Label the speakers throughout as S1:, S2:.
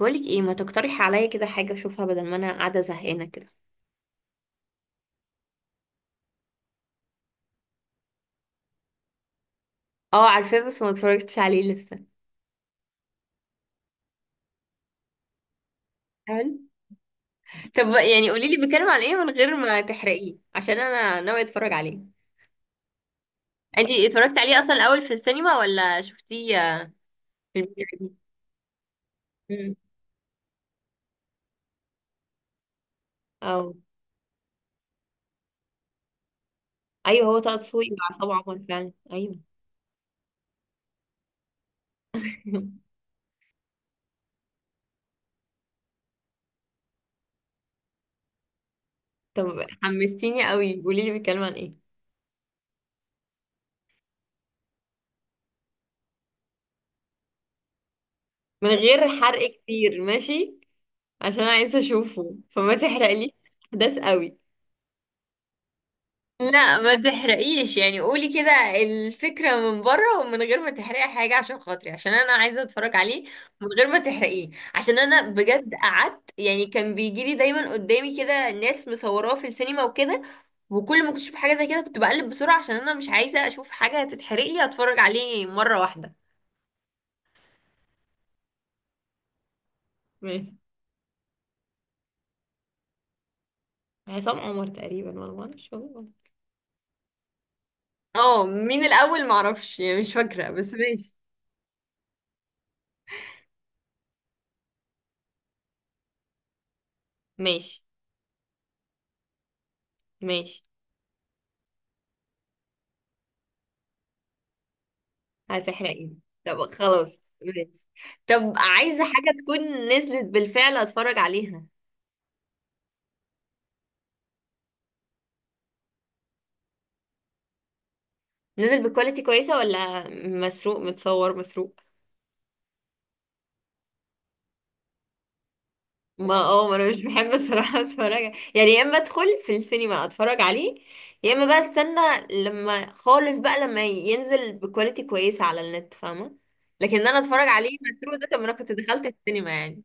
S1: بقولك ايه، ما تقترحي عليا كده حاجة اشوفها بدل ما انا قاعدة زهقانة كده. اه، عارفاه بس ما اتفرجتش عليه لسه. حلو. طب يعني قوليلي بيتكلم عن ايه من غير ما تحرقيه، عشان انا ناوية اتفرج عليه. انتي اتفرجتي عليه اصلا الاول في السينما ولا شفتيه في الفيديو؟ دي. اه، ايوه، هو طه دسوقي وعصام عمر فعلا، ايوه. طب حمستيني قوي، قوليلي بيتكلم عن ايه من غير حرق كتير، ماشي. عشان عايزة اشوفه فما تحرقلي احداث قوي. لا ما تحرقيش، يعني قولي كده الفكرة من بره ومن غير ما تحرقي حاجة عشان خاطري، عشان انا عايزة اتفرج عليه من غير ما تحرقيه. عشان انا بجد قعدت يعني كان بيجيلي دايما قدامي كده ناس مصوراه في السينما وكده، وكل ما كنت اشوف حاجة زي كده كنت بقلب بسرعة عشان انا مش عايزة اشوف حاجة تتحرق لي، اتفرج عليه مرة واحدة. ماشي. عصام عمر تقريبا، ولا ما اعرفش والله. اه، مين الاول معرفش يعني، مش فاكرة بس ماشي. ماشي. ماشي. هتحرقيني. طب خلاص. ماشي. طب عايزة حاجة تكون نزلت بالفعل اتفرج عليها؟ نزل بكواليتي كويسة ولا مسروق متصور مسروق؟ ما انا مش بحب الصراحة اتفرج، يعني يا اما ادخل في السينما اتفرج عليه، يا اما بقى استنى لما خالص بقى لما ينزل بكواليتي كويسة على النت، فاهمة؟ لكن إن انا اتفرج عليه مسروق ده، طب ما انا كنت دخلت السينما يعني.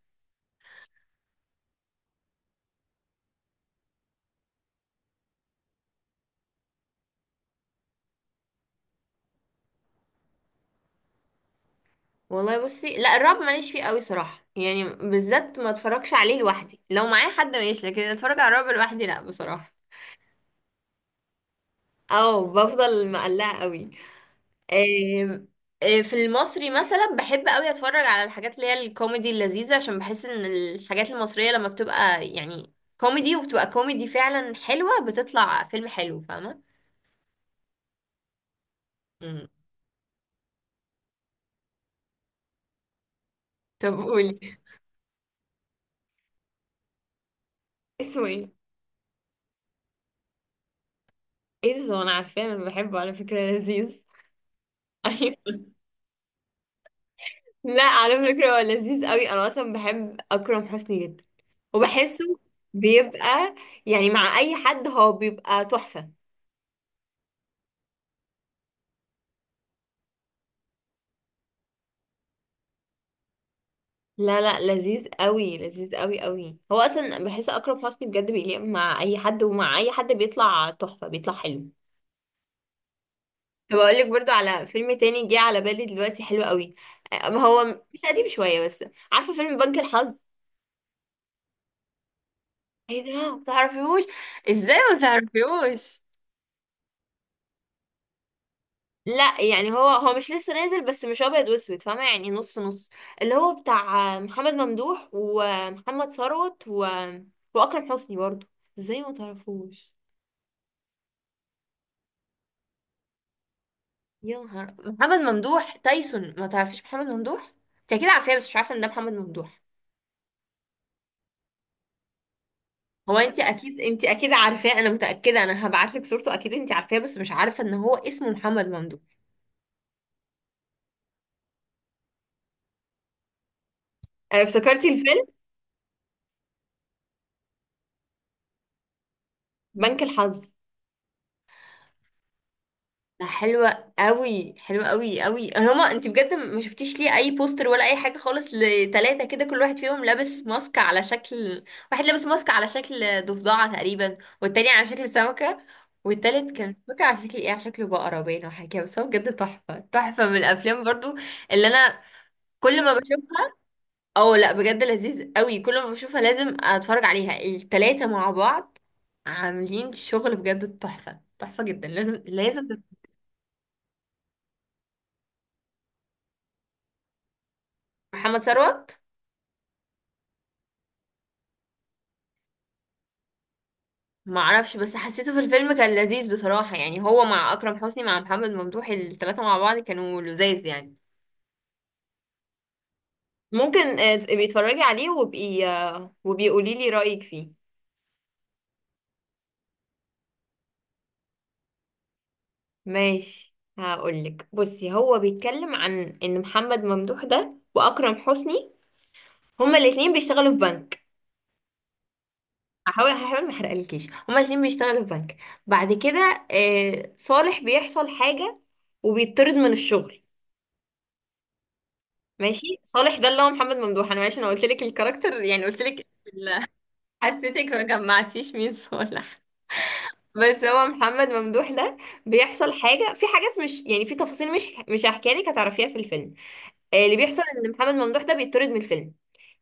S1: والله بصي، لا الرعب ماليش فيه قوي صراحة، يعني بالذات ما اتفرجش عليه لوحدي، لو معايا حد ماشي لكن اتفرج على الرعب لوحدي لا بصراحة. او بفضل مقلقة قوي. آم، في المصري مثلا بحب قوي اتفرج على الحاجات اللي هي الكوميدي اللذيذة، عشان بحس ان الحاجات المصرية لما بتبقى يعني كوميدي وبتبقى كوميدي فعلا حلوة بتطلع فيلم حلو، فاهمة؟ مم. طب قولي. اسمه ايه؟ ايه ده؟ طب انا عارفاه، انا بحبه على فكرة لذيذ. ايوه. لا، على فكرة هو لذيذ قوي، انا اصلا بحب اكرم حسني جدا، وبحسه بيبقى يعني مع اي حد هو بيبقى تحفة. لا، لا، لذيذ قوي، لذيذ قوي قوي، هو اصلا بحس اكرم حسني بجد بيليق مع اي حد، ومع اي حد بيطلع تحفة، بيطلع حلو. طب اقول لك برضو على فيلم تاني جه على بالي دلوقتي حلو قوي. هو مش قديم شوية بس. عارفة فيلم بنك الحظ؟ ايه ده؟ ما تعرفيهوش؟ ازاي ما تعرفيهوش؟ لا يعني، هو هو مش لسه نازل بس مش ابيض واسود، فاهمه؟ يعني نص نص. اللي هو بتاع محمد ممدوح ومحمد ثروت واكرم حسني برضو. ازاي ما تعرفوش؟ يا نهار، محمد ممدوح تايسون، ما تعرفيش محمد ممدوح؟ انت اكيد عارفاه بس مش عارفه ان ده محمد ممدوح. هو انت اكيد عارفاه، انا متاكده، انا هبعت لك صورته اكيد انت عارفاه بس مش عارفه ان هو اسمه محمد ممدوح. افتكرتي الفيلم؟ بنك الحظ. ده حلوة قوي، حلوة قوي قوي، هما انت بجد ما شفتيش ليه اي بوستر ولا اي حاجة خالص لتلاتة كده كل واحد فيهم لابس ماسك على شكل، واحد لابس ماسك على شكل ضفدعة تقريبا، والتاني على شكل سمكة، والتالت كان مش فاكرة على شكل ايه، على شكل بقرة باين او حاجة كده، بس هو بجد تحفة تحفة، من الافلام برضو اللي انا كل ما بشوفها. اه، لا بجد لذيذ قوي، كل ما بشوفها لازم اتفرج عليها التلاتة مع بعض، عاملين شغل بجد تحفة تحفة جدا، لازم لازم. محمد ثروت. ما اعرفش بس حسيته في الفيلم كان لذيذ بصراحة، يعني هو مع أكرم حسني مع محمد ممدوح الثلاثة مع بعض كانوا لذاذ يعني. ممكن تبقي اتفرجي عليه وبقي وبقي قولي لي رأيك فيه. ماشي، هقولك بصي، هو بيتكلم عن ان محمد ممدوح ده وأكرم حسني هما الاتنين بيشتغلوا في بنك. هحاول ما احرقلكيش، هما الاتنين بيشتغلوا في بنك. بعد كده صالح بيحصل حاجة وبيطرد من الشغل. ماشي، صالح ده اللي هو محمد ممدوح، انا معلش انا قلت لك الكاركتر يعني، قلت لك ال- حسيتك ما جمعتيش مين صالح. بس هو محمد ممدوح ده بيحصل حاجه، في حاجات مش يعني في تفاصيل، مش هحكيها لك هتعرفيها في الفيلم. اللي بيحصل ان محمد ممدوح ده بيطرد من الفيلم.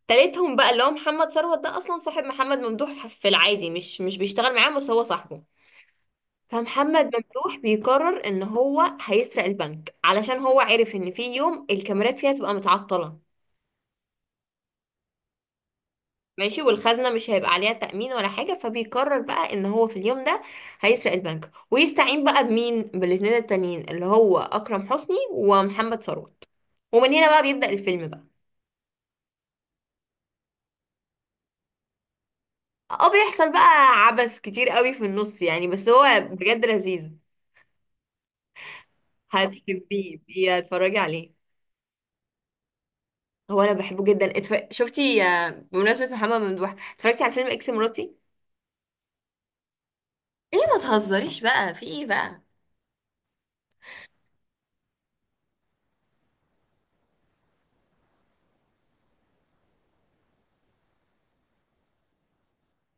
S1: تالتهم بقى اللي هو محمد ثروت، ده اصلا صاحب محمد ممدوح في العادي، مش بيشتغل معاه بس هو صاحبه. فمحمد ممدوح بيقرر ان هو هيسرق البنك، علشان هو عرف ان في يوم الكاميرات فيها تبقى متعطله. ماشي، والخزنة مش هيبقى عليها تأمين ولا حاجة، فبيقرر بقى ان هو في اليوم ده هيسرق البنك، ويستعين بقى بمين؟ بالاتنين التانيين اللي هو أكرم حسني ومحمد ثروت. ومن هنا بقى بيبدأ الفيلم بقى. اه، بيحصل بقى عبث كتير قوي في النص يعني، بس هو بجد لذيذ. هتحبيه بيه، اتفرجي عليه. هو انا بحبه جدا شفتي بمناسبة محمد ممدوح اتفرجتي على فيلم اكس مراتي؟ ليه ما تهزريش بقى، في ايه بقى؟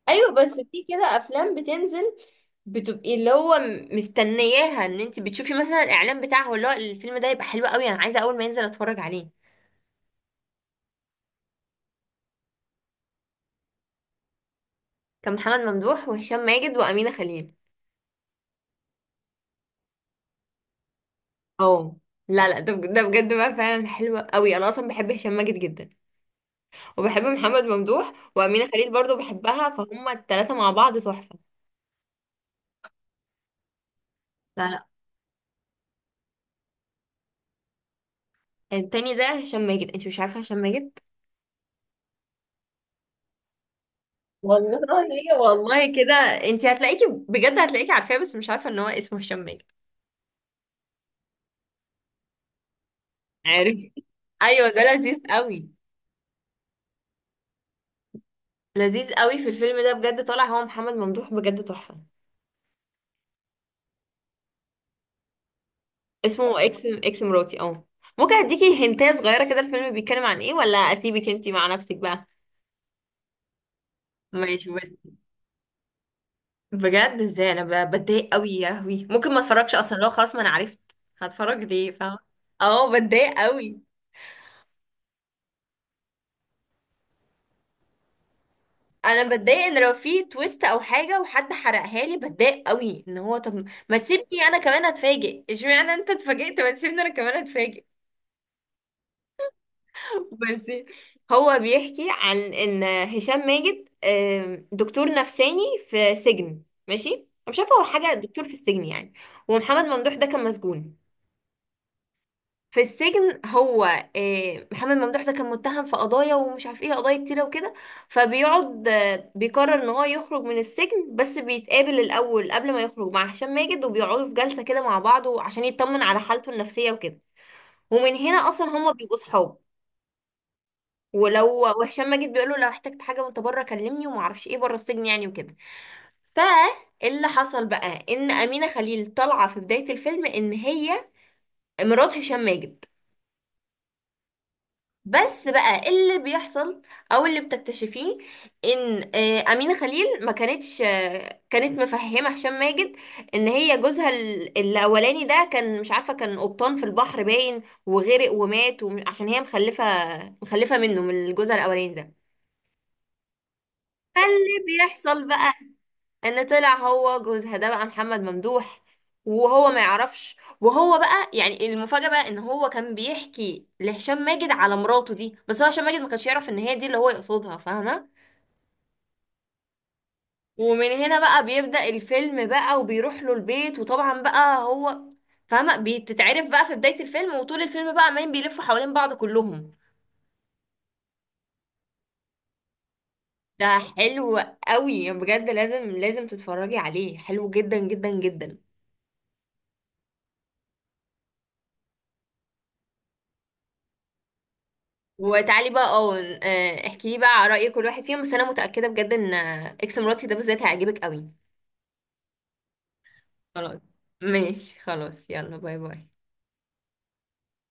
S1: ايوه، بس في كده افلام بتنزل بتبقي اللي هو مستنياها، ان انت بتشوفي مثلا الاعلان بتاعه اللي هو الفيلم ده يبقى حلو قوي، انا عايزه اول ما ينزل اتفرج عليه. كان محمد ممدوح وهشام ماجد وامينه خليل. اه. لا، لا، ده بجد بقى فعلا حلو قوي، انا اصلا بحب هشام ماجد جدا، وبحب محمد ممدوح وامينه خليل برضو بحبها، فهم الثلاثه مع بعض تحفه. لا، لا، التاني ده هشام ماجد، انت مش عارفه هشام ماجد؟ والله. والله كده. انت هتلاقيكي بجد هتلاقيكي عارفاه، بس مش عارفه ان هو اسمه هشام ماجد. عارف. ايوه، ده لذيذ قوي، لذيذ قوي، في الفيلم ده بجد طالع هو محمد ممدوح بجد تحفة. اسمه اكس مراتي، اه. ممكن اديكي هنتايه صغيرة كده الفيلم بيتكلم عن ايه، ولا اسيبك انتي مع نفسك بقى؟ ماشي بس، بجد ازاي انا بتضايق قوي، يا لهوي، ممكن ما اتفرجش اصلا لو خلاص ما انا عرفت هتفرج ليه، فاهمة؟ اه، بتضايق قوي. انا بتضايق ان لو في تويست او حاجة وحد حرقها لي، بتضايق قوي، ان هو طب ما تسيبني انا كمان اتفاجئ، اشمعنى انت اتفاجئت ما تسيبني انا كمان اتفاجئ؟ بصي، هو بيحكي عن ان هشام ماجد دكتور نفساني في سجن. ماشي، أنا مش عارفه هو حاجه دكتور في السجن يعني. ومحمد ممدوح ده كان مسجون في السجن هو، محمد ممدوح ده كان متهم في قضايا ومش عارف ايه قضايا كتيره وكده. فبيقعد بيقرر ان هو يخرج من السجن، بس بيتقابل الاول قبل ما يخرج مع هشام ماجد، وبيقعدوا في جلسه كده مع بعض عشان يطمن على حالته النفسيه وكده. ومن هنا اصلا هما بيبقوا صحاب. ولو وهشام ماجد بيقول له لو احتجت حاجه وانت بره كلمني، وما اعرفش ايه بره السجن يعني وكده. فاللي حصل بقى ان امينه خليل طالعه في بدايه الفيلم ان هي مرات هشام ماجد. بس بقى إيه اللي بيحصل، او اللي بتكتشفيه، ان امينه خليل ما كانتش كانت مفهمه هشام ماجد ان هي جوزها الاولاني ده كان مش عارفه، كان قبطان في البحر باين وغرق ومات، عشان هي مخلفه منه، من جوزها الاولاني ده. فاللي بيحصل بقى ان طلع هو جوزها ده بقى محمد ممدوح. وهو ما يعرفش، وهو بقى يعني المفاجأة بقى ان هو كان بيحكي لهشام ماجد على مراته دي، بس هو هشام ماجد ما كانش يعرف ان هي دي اللي هو يقصدها، فاهمة؟ ومن هنا بقى بيبدأ الفيلم بقى، وبيروح له البيت، وطبعا بقى هو فاهمة بتتعرف بقى في بداية الفيلم، وطول الفيلم بقى عمالين بيلفوا حوالين بعض كلهم. ده حلو قوي بجد، لازم لازم تتفرجي عليه، حلو جدا جدا جدا. وتعالي بقى اه احكي لي بقى على رأي كل واحد فيهم، بس انا متأكدة بجد ان اكس مراتي ده بالذات هيعجبك قوي. خلاص، ماشي، خلاص يلا، باي باي.